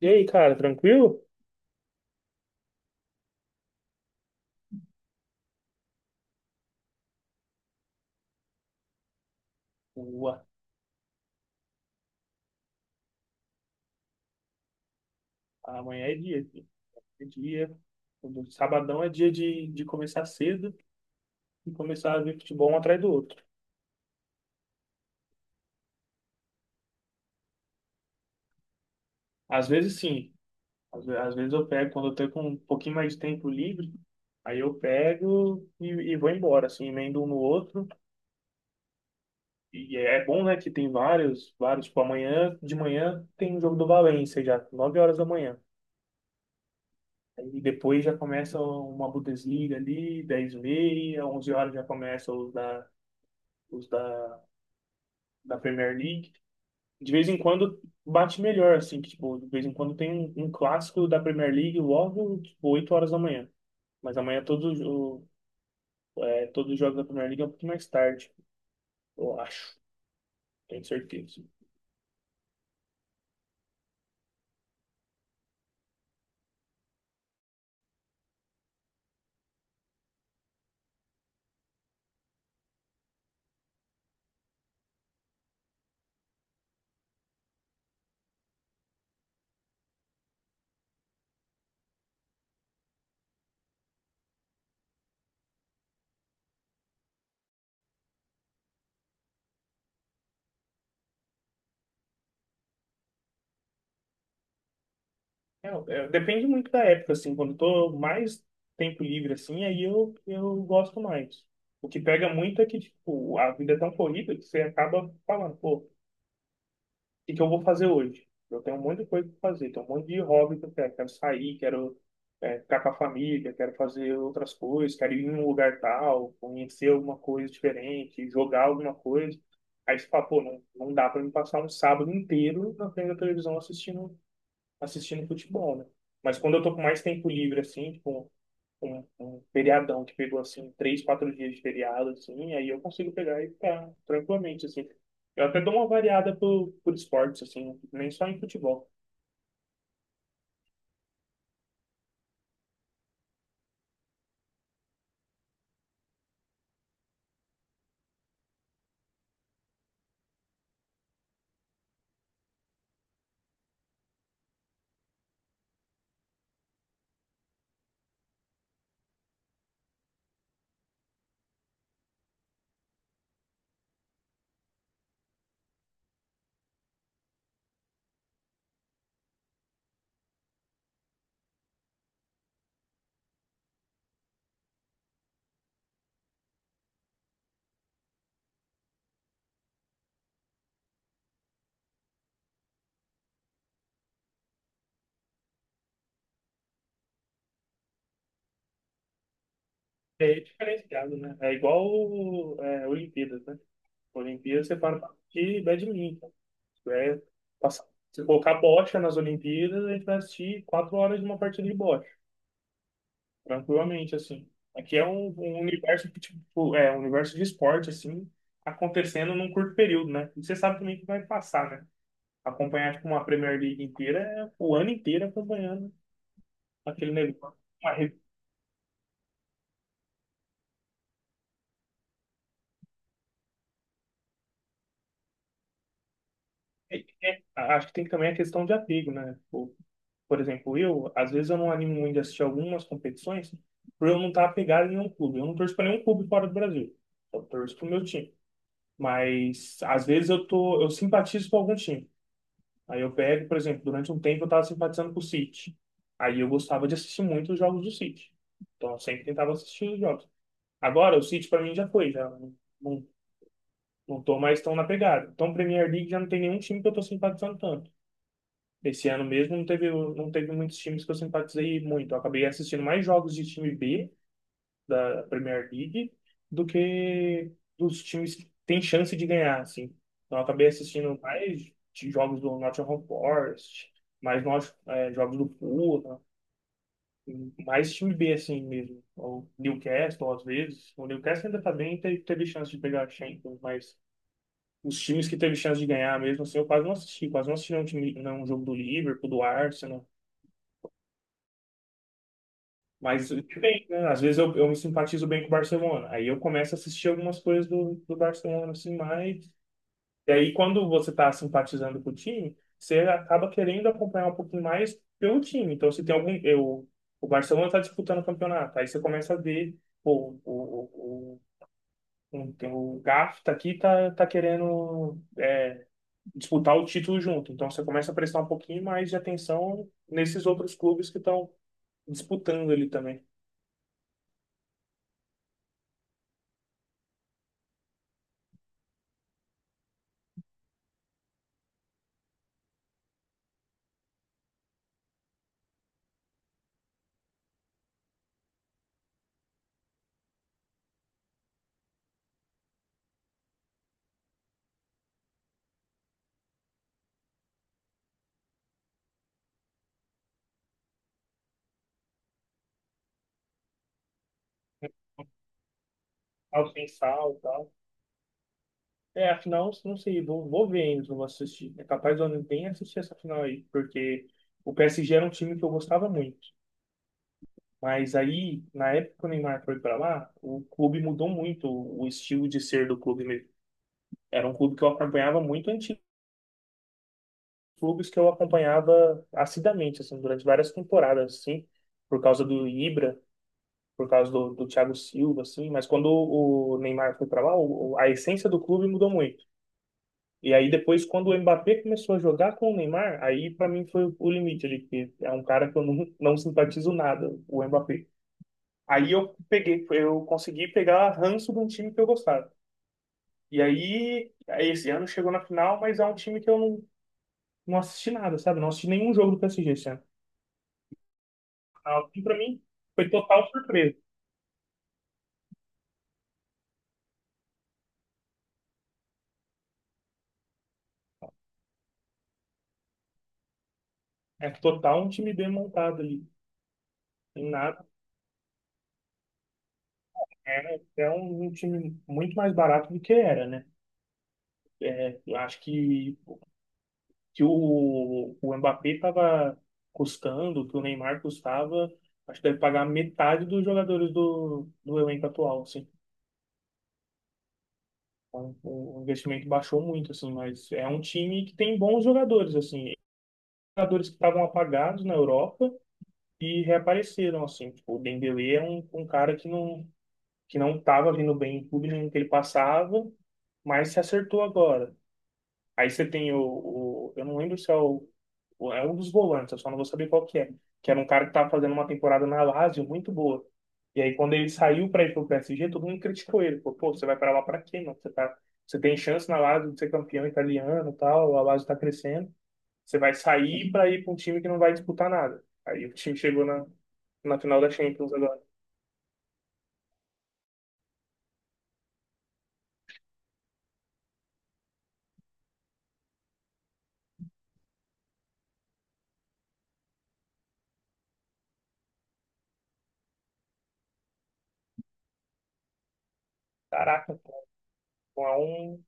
E aí, cara, tranquilo? Boa. Amanhã é dia, filho. É dia. O Sabadão é dia de começar cedo e começar a ver futebol um atrás do outro. Às vezes, sim. Às vezes eu pego, quando eu tô com um pouquinho mais de tempo livre, aí eu pego e vou embora, assim, emendo um no outro. E é bom, né, que tem vários. Tipo, amanhã, de manhã, tem um jogo do Valência já, 9 horas da manhã. E depois já começa uma Bundesliga ali, 10 e meia, 11 horas já começa os da da Premier League, de vez em quando bate melhor, assim, que, tipo, de vez em quando tem um clássico da Premier League logo, tipo, 8 horas da manhã. Mas amanhã todos os jogos da Premier League é um pouquinho mais tarde, eu acho, tenho certeza. Depende muito da época, assim, quando eu tô mais tempo livre, assim, aí eu gosto mais. O que pega muito é que, tipo, a vida é tão corrida que você acaba falando, pô, que eu vou fazer hoje? Eu tenho um monte de coisa para fazer, tenho um monte de hobby que eu quero. Quero sair, quero ficar com a família, quero fazer outras coisas, quero ir em um lugar tal, conhecer alguma coisa diferente, jogar alguma coisa. Aí você fala, pô, não, não dá para me passar um sábado inteiro na frente da televisão assistindo futebol, né? Mas quando eu tô com mais tempo livre, assim, tipo, um feriadão que pegou assim três, quatro dias de feriado, assim, aí eu consigo pegar e ficar tranquilamente, assim. Eu até dou uma variada por esportes, assim, nem só em futebol. É diferenciado, né? É igual Olimpíadas, né? Olimpíadas você para pra assistir badminton. É, passar- Se colocar bocha nas Olimpíadas, a gente vai assistir quatro horas de uma partida de bocha. Tranquilamente, assim. Aqui é um universo que, tipo, é um universo de esporte, assim, acontecendo num curto período, né? E você sabe também que vai passar, né? Acompanhar, tipo, uma Premier League inteira é o ano inteiro acompanhando aquele negócio. Uma re- é- é- Acho que tem também a questão de apego, né? Tipo, por exemplo, eu, às vezes eu não animo muito de assistir algumas competições por eu não estar apegado em nenhum clube. Eu não torço para nenhum clube fora do Brasil. Eu torço pro meu time. Mas, às vezes, eu tô, eu simpatizo com algum time. Aí eu pego, por exemplo, durante um tempo eu estava simpatizando com o City. Aí eu gostava de assistir muito os jogos do City. Então eu sempre tentava assistir os jogos. Agora o City para mim já foi, já não, não não tô mais tão na pegada. Então Premier League já não tem nenhum time que eu tô simpatizando tanto. Esse ano mesmo não teve muitos times que eu simpatizei muito. Eu acabei assistindo mais jogos de time B da Premier League do que dos times que tem chance de ganhar, assim. Então, eu acabei assistindo mais de jogos do Nottingham Forest, mais nós, é, jogos do Fulham, mais time B, assim mesmo. O Newcastle, às vezes. O Newcastle ainda tá bem, teve chance de pegar a Champions, mas os times que teve chance de ganhar mesmo, assim, eu quase não assisti. Quase não assisti um time, não, um jogo do Liverpool, do Arsenal. Mas bem, né? Às vezes eu me simpatizo bem com o Barcelona. Aí eu começo a assistir algumas coisas do Barcelona, assim, mais. E aí, quando você tá simpatizando com o time, você acaba querendo acompanhar um pouquinho mais pelo time. Então, se tem algum. Eu, o Barcelona tá disputando o campeonato. Aí você começa a ver, pô, o tem o Gafi tá aqui, tá querendo é, disputar o título junto. Então, você começa a prestar um pouquinho mais de atenção nesses outros clubes que estão disputando ali também. Ao pensar e tal. É, a final, não sei, vou ver ainda, não vou assistir. É capaz de eu nem assistir essa final aí, porque o PSG era um time que eu gostava muito. Mas aí, na época que o Neymar foi pra lá, o clube mudou muito, o estilo de ser do clube mesmo. Era um clube que eu acompanhava muito antigo, clubes que eu acompanhava assiduamente, assim, durante várias temporadas, assim, por causa do Ibra, por causa do Thiago Silva, assim. Mas quando o Neymar foi pra lá, a essência do clube mudou muito. E aí depois, quando o Mbappé começou a jogar com o Neymar, aí pra mim foi o limite ali, que é um cara que eu não simpatizo nada, o Mbappé. Aí eu peguei, eu consegui pegar ranço de um time que eu gostava. E aí, esse ano chegou na final, mas é um time que eu não assisti nada, sabe? Não assisti nenhum jogo do PSG esse ano. Ah, e pra mim, foi total surpresa. É total um time bem montado ali. Tem nada. É, é um time muito mais barato do que era, né? É, eu acho que o Mbappé estava custando, que o Neymar custava, acho que deve pagar metade dos jogadores do elenco atual, assim. Então, o investimento baixou muito, assim, mas é um time que tem bons jogadores, assim, jogadores que estavam apagados na Europa e reapareceram, assim. Tipo, o Dembélé é um cara que não estava vindo bem em clube nenhum que ele passava, mas se acertou agora. Aí você tem eu não lembro se é é um dos volantes, eu só não vou saber qual que é, que era um cara que tava fazendo uma temporada na Lazio muito boa. E aí quando ele saiu para ir pro PSG, todo mundo criticou ele, pô, você vai para lá para quê, mano? Você tá, você tem chance na Lazio de ser campeão italiano, e tal, a Lazio tá crescendo, você vai sair para ir para um time que não vai disputar nada. Aí o time chegou na final da Champions agora. Caraca, pô, é um.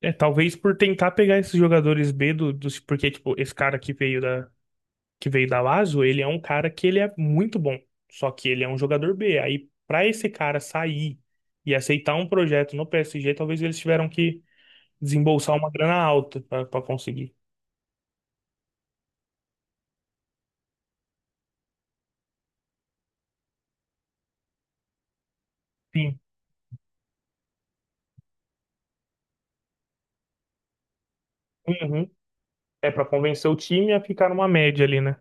É, talvez por tentar pegar esses jogadores B porque, tipo, esse cara que veio da Lazio, ele é um cara que ele é muito bom, só que ele é um jogador B. Aí, pra esse cara sair e aceitar um projeto no PSG, talvez eles tiveram que desembolsar uma grana alta pra conseguir. Sim. Uhum. É pra convencer o time a ficar numa média ali, né?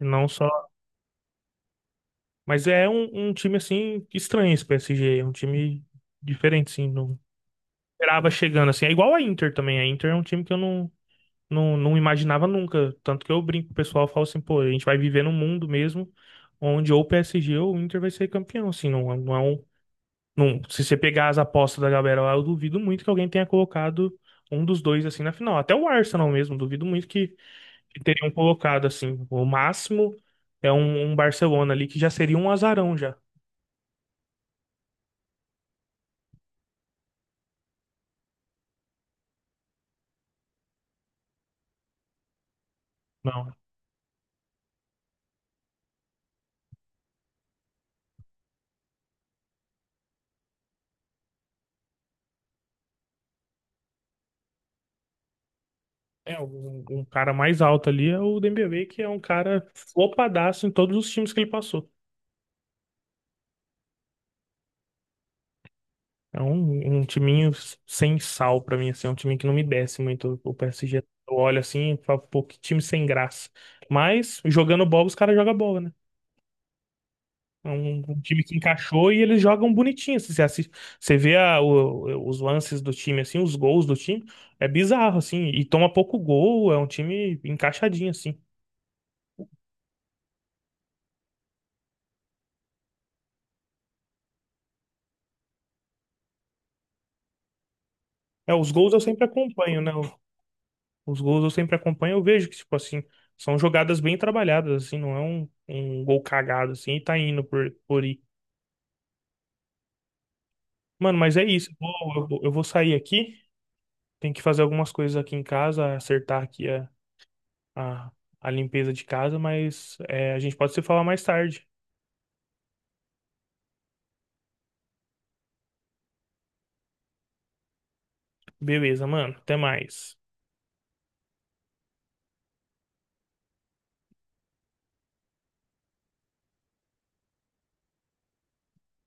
E não só. Mas é um time assim estranho esse PSG, é um time diferente, assim, não esperava chegando assim. É igual a Inter também. A Inter é um time que eu não, não não imaginava nunca. Tanto que eu brinco, o pessoal fala assim, pô, a gente vai viver num mundo mesmo onde ou o PSG ou o Inter vai ser campeão. Assim, não, não é um. Não, se você pegar as apostas da galera lá, eu duvido muito que alguém tenha colocado um dos dois assim na final. Até o Arsenal mesmo, duvido muito que teriam colocado assim. O máximo é um Barcelona ali que já seria um azarão já. Não. É, um cara mais alto ali é o Dembélé, que é um cara flopadaço em todos os times que ele passou. É um timinho sem sal pra mim, assim, é um time que não me desce muito. O PSG, eu olho assim e falo, pô, que time sem graça. Mas jogando bola, os caras jogam bola, né? É um time que encaixou e eles jogam bonitinho. Assim, você assiste, você vê os lances do time, assim, os gols do time, é bizarro, assim, e toma pouco gol, é um time encaixadinho, assim. É, os gols eu sempre acompanho, né? Os gols eu sempre acompanho, eu vejo que, tipo assim, são jogadas bem trabalhadas, assim, não é um gol cagado, assim, e tá indo por ir. Mano, mas é isso. Eu vou sair aqui. Tem que fazer algumas coisas aqui em casa, acertar aqui a, a limpeza de casa, mas é, a gente pode se falar mais tarde. Beleza, mano. Até mais.